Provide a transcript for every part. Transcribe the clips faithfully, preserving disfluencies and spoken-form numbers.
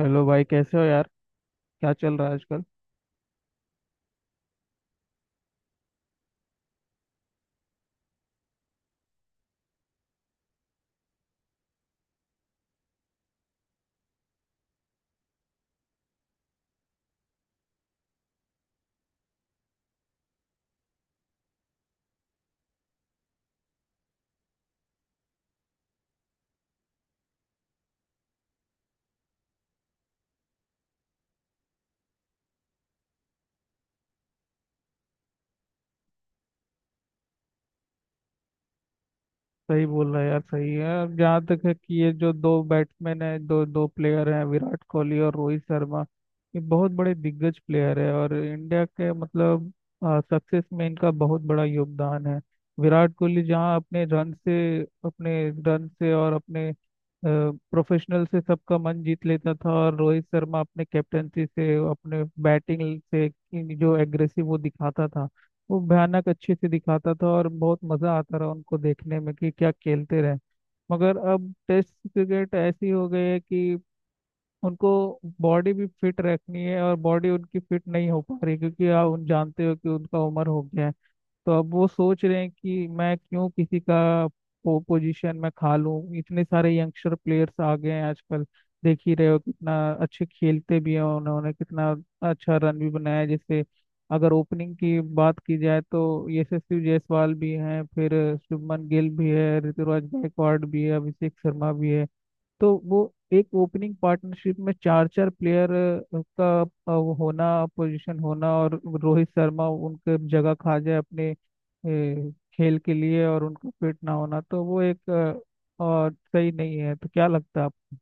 Hello भाई, कैसे हो यार? क्या चल रहा है आजकल? सही बोल रहा है यार, सही है। अब जहाँ तक है कि ये जो दो बैट्समैन है, दो दो प्लेयर हैं, विराट कोहली और रोहित शर्मा। ये बहुत बड़े दिग्गज प्लेयर है और इंडिया के मतलब सक्सेस में इनका बहुत बड़ा योगदान है। विराट कोहली जहाँ अपने रन से अपने रन से और अपने प्रोफेशनल से सबका मन जीत लेता था, और रोहित शर्मा अपने कैप्टनसी से, अपने बैटिंग से, कि जो एग्रेसिव वो दिखाता था, वो भयानक अच्छे से दिखाता था। और बहुत मजा आता रहा उनको देखने में कि क्या खेलते रहे। मगर अब टेस्ट क्रिकेट ऐसी हो गई है कि उनको बॉडी भी फिट रखनी है, और बॉडी उनकी फिट नहीं हो पा रही क्योंकि आप उन जानते हो कि उनका उम्र हो गया है। तो अब वो सोच रहे हैं कि मैं क्यों किसी का पो, पोजीशन में खा लूं। इतने सारे यंगस्टर प्लेयर्स आ गए हैं आजकल, देख ही रहे हो कितना अच्छे खेलते भी हैं, उन्होंने कितना अच्छा रन भी बनाया है। जैसे अगर ओपनिंग की बात की जाए तो यशस्वी जायसवाल भी हैं, फिर शुभमन गिल भी है, ऋतुराज गायकवाड़ भी है, अभिषेक शर्मा भी है। तो वो एक ओपनिंग पार्टनरशिप में चार चार प्लेयर का अ, वो होना, पोजीशन होना, और रोहित शर्मा उनके जगह खा जाए अपने ए, खेल के लिए, और उनका फिट ना होना, तो वो एक अ, और सही नहीं है। तो क्या लगता है?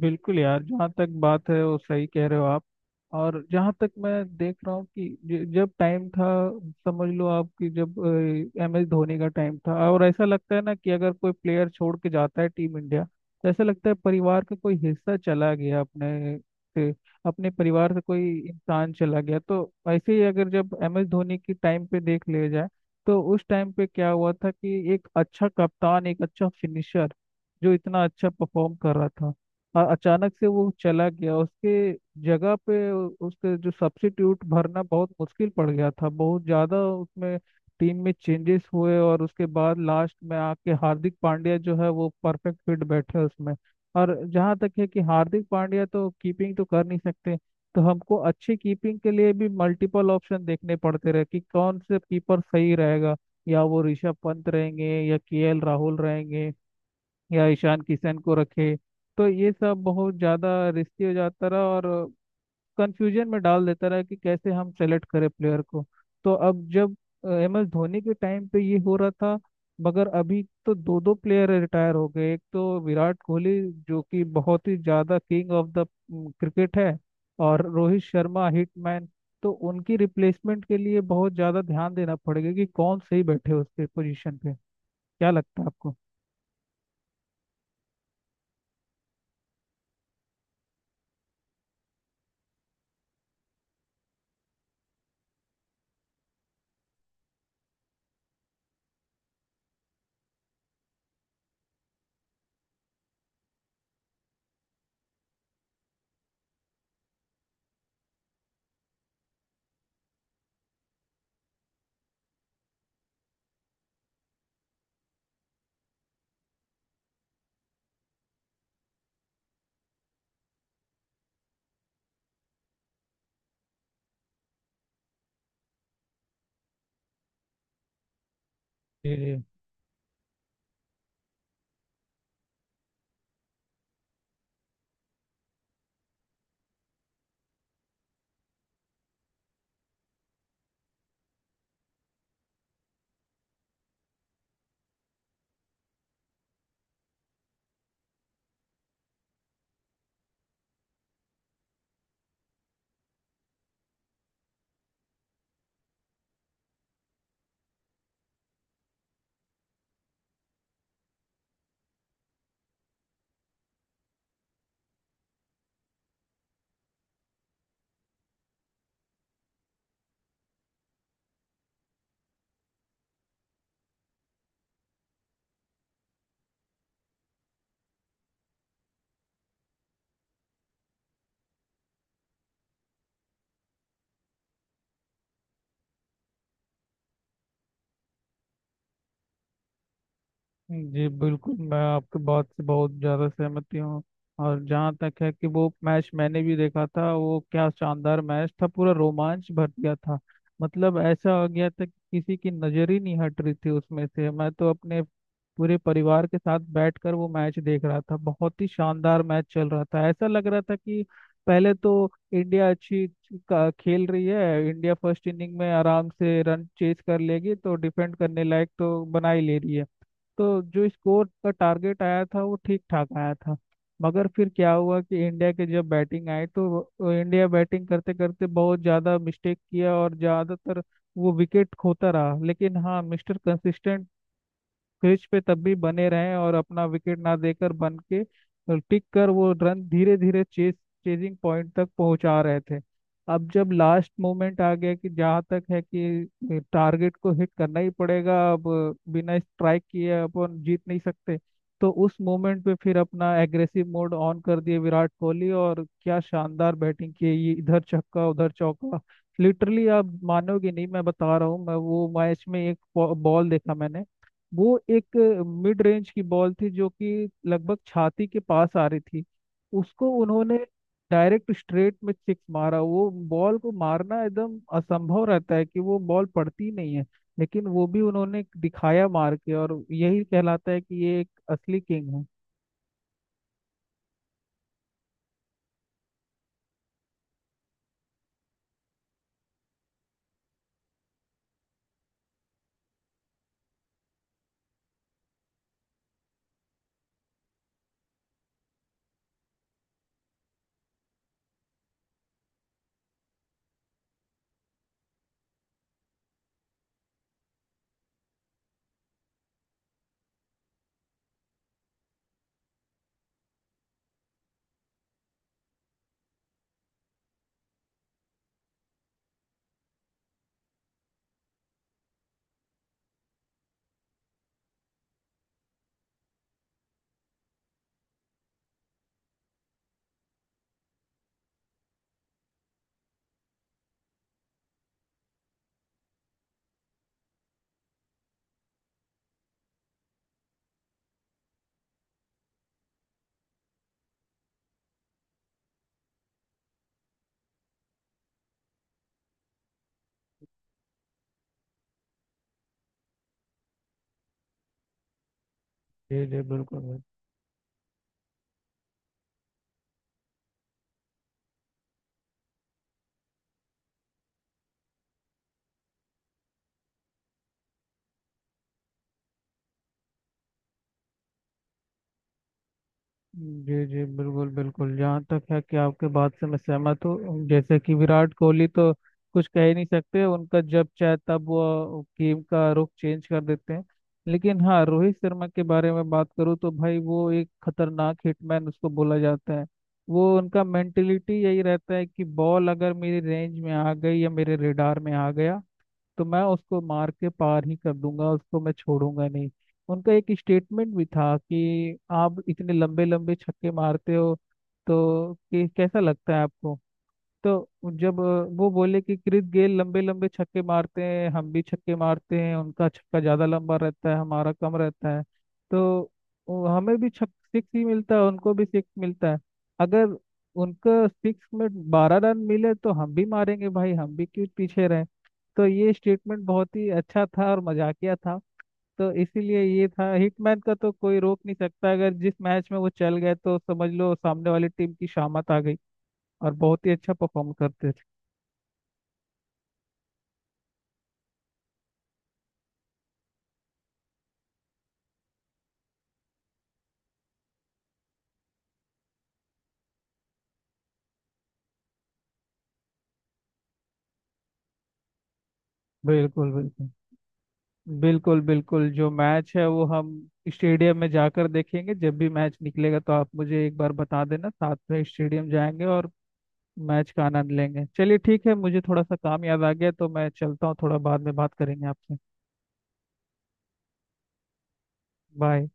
बिल्कुल यार, जहाँ तक बात है वो सही कह रहे हो आप। और जहाँ तक मैं देख रहा हूँ कि ज- जब टाइम था, समझ लो आप, कि जब एम एस धोनी का टाइम था, और ऐसा लगता है ना कि अगर कोई प्लेयर छोड़ के जाता है टीम इंडिया, तो ऐसा लगता है परिवार का कोई हिस्सा चला गया अपने से, अपने परिवार से कोई इंसान चला गया। तो ऐसे ही, अगर जब एम एस धोनी की टाइम पे देख लिया जाए, तो उस टाइम पे क्या हुआ था कि एक अच्छा कप्तान, एक अच्छा फिनिशर, जो इतना अच्छा परफॉर्म कर रहा था, अ- अचानक से वो चला गया। उसके जगह पे, उसके जो सब्स्टिट्यूट भरना बहुत मुश्किल पड़ गया था। बहुत ज़्यादा उसमें टीम में चेंजेस हुए, और उसके बाद लास्ट में आके हार्दिक पांड्या जो है वो परफेक्ट फिट बैठे उसमें। और जहाँ तक है कि हार्दिक पांड्या तो कीपिंग तो कर नहीं सकते, तो हमको अच्छी कीपिंग के लिए भी मल्टीपल ऑप्शन देखने पड़ते रहे कि कौन से कीपर सही रहेगा, या वो ऋषभ पंत रहेंगे, या केएल राहुल रहेंगे, या ईशान किशन को रखे। तो ये सब बहुत ज़्यादा रिस्की हो जाता रहा, और कंफ्यूजन में डाल देता रहा कि कैसे हम सेलेक्ट करें प्लेयर को। तो अब जब एम एस धोनी के टाइम पे ये हो रहा था, मगर अभी तो दो दो प्लेयर रिटायर हो गए, एक तो विराट कोहली, जो कि बहुत ही ज़्यादा किंग ऑफ द क्रिकेट है, और रोहित शर्मा हिटमैन। तो उनकी रिप्लेसमेंट के लिए बहुत ज़्यादा ध्यान देना पड़ेगा कि कौन सही बैठे उसके पोजीशन पे। क्या लगता है आपको? जी जी जी, बिल्कुल, मैं आपके बात से बहुत ज़्यादा सहमति हूँ। और जहाँ तक है कि वो मैच मैंने भी देखा था, वो क्या शानदार मैच था, पूरा रोमांच भर दिया था। मतलब ऐसा हो गया था कि किसी की नज़र ही नहीं हट रही थी उसमें से। मैं तो अपने पूरे परिवार के साथ बैठकर वो मैच देख रहा था। बहुत ही शानदार मैच चल रहा था, ऐसा लग रहा था कि पहले तो इंडिया अच्छी का- खेल रही है, इंडिया फर्स्ट इनिंग में आराम से रन चेज कर लेगी, तो डिफेंड करने लायक तो बना ही ले रही है। तो जो स्कोर का टारगेट आया था वो ठीक ठाक आया था। मगर फिर क्या हुआ कि इंडिया के जब बैटिंग आई तो वो- इंडिया बैटिंग करते करते बहुत ज़्यादा मिस्टेक किया, और ज़्यादातर वो विकेट खोता रहा। लेकिन हाँ, मिस्टर कंसिस्टेंट क्रीज पे तब भी बने रहें, और अपना विकेट ना देकर, बन के और टिक कर, वो रन धीरे धीरे चेस चेजिंग पॉइंट तक पहुंचा रहे थे। अब जब लास्ट मोमेंट आ गया कि जहाँ तक है कि टारगेट को हिट करना ही पड़ेगा अब, बिना स्ट्राइक किए अपन जीत नहीं सकते, तो उस मोमेंट पे फिर अपना एग्रेसिव मोड ऑन कर दिए विराट कोहली, और क्या शानदार बैटिंग की, ये इधर छक्का उधर चौका। लिटरली आप मानोगे नहीं, मैं बता रहा हूँ, मैं वो मैच में एक बॉल देखा मैंने। वो एक मिड रेंज की बॉल थी जो कि लगभग छाती के पास आ रही थी। उसको उन्होंने डायरेक्ट स्ट्रेट में सिक्स मारा। वो बॉल को मारना एकदम असंभव रहता है, कि वो बॉल पड़ती नहीं है, लेकिन वो भी उन्होंने दिखाया मार के। और यही कहलाता है कि ये एक असली किंग है। जी जी बिल्कुल। जी जी बिल्कुल, बिल्कुल, जहाँ तक है कि आपके बात से मैं सहमत हूँ। जैसे कि विराट कोहली तो कुछ कह ही नहीं सकते, उनका जब चाहे तब वो गेम का रुख चेंज कर देते हैं। लेकिन हाँ, रोहित शर्मा के बारे में बात करूँ तो भाई, वो एक खतरनाक हिटमैन उसको बोला जाता है। वो, उनका मेंटेलिटी यही रहता है कि बॉल अगर मेरी रेंज में आ गई या मेरे रेडार में आ गया, तो मैं उसको मार के पार ही कर दूंगा, उसको मैं छोड़ूंगा नहीं। उनका एक स्टेटमेंट भी था कि आप इतने लंबे लंबे छक्के मारते हो, तो कि कैसा लगता है आपको? तो जब अ, वो बोले कि क्रिस गेल लंबे लंबे छक्के मारते हैं, हम भी छक्के मारते हैं, उनका छक्का ज़्यादा लंबा रहता है, हमारा कम रहता है, तो वो- हमें भी छक सिक्स ही मिलता है, उनको भी सिक्स मिलता है। अगर उनका सिक्स में बारह रन मिले तो हम भी मारेंगे भाई, हम भी क्यों पीछे रहे? तो ये स्टेटमेंट बहुत ही अच्छा था और मजाकिया था। तो इसीलिए ये था, हिटमैन का तो कोई रोक नहीं सकता। अगर जिस मैच में वो चल गए तो समझ लो सामने वाली टीम की शामत आ गई, और बहुत ही अच्छा परफॉर्म करते हैं। बिल्कुल, बिल्कुल, बिल्कुल, बिल्कुल। जो मैच है वो हम स्टेडियम में जाकर देखेंगे। जब भी मैच निकलेगा तो आप मुझे एक बार बता देना, साथ में स्टेडियम जाएंगे और मैच का आनंद लेंगे। चलिए ठीक है, मुझे थोड़ा सा काम याद आ गया तो मैं चलता हूँ, थोड़ा बाद में बात करेंगे आपसे। बाय।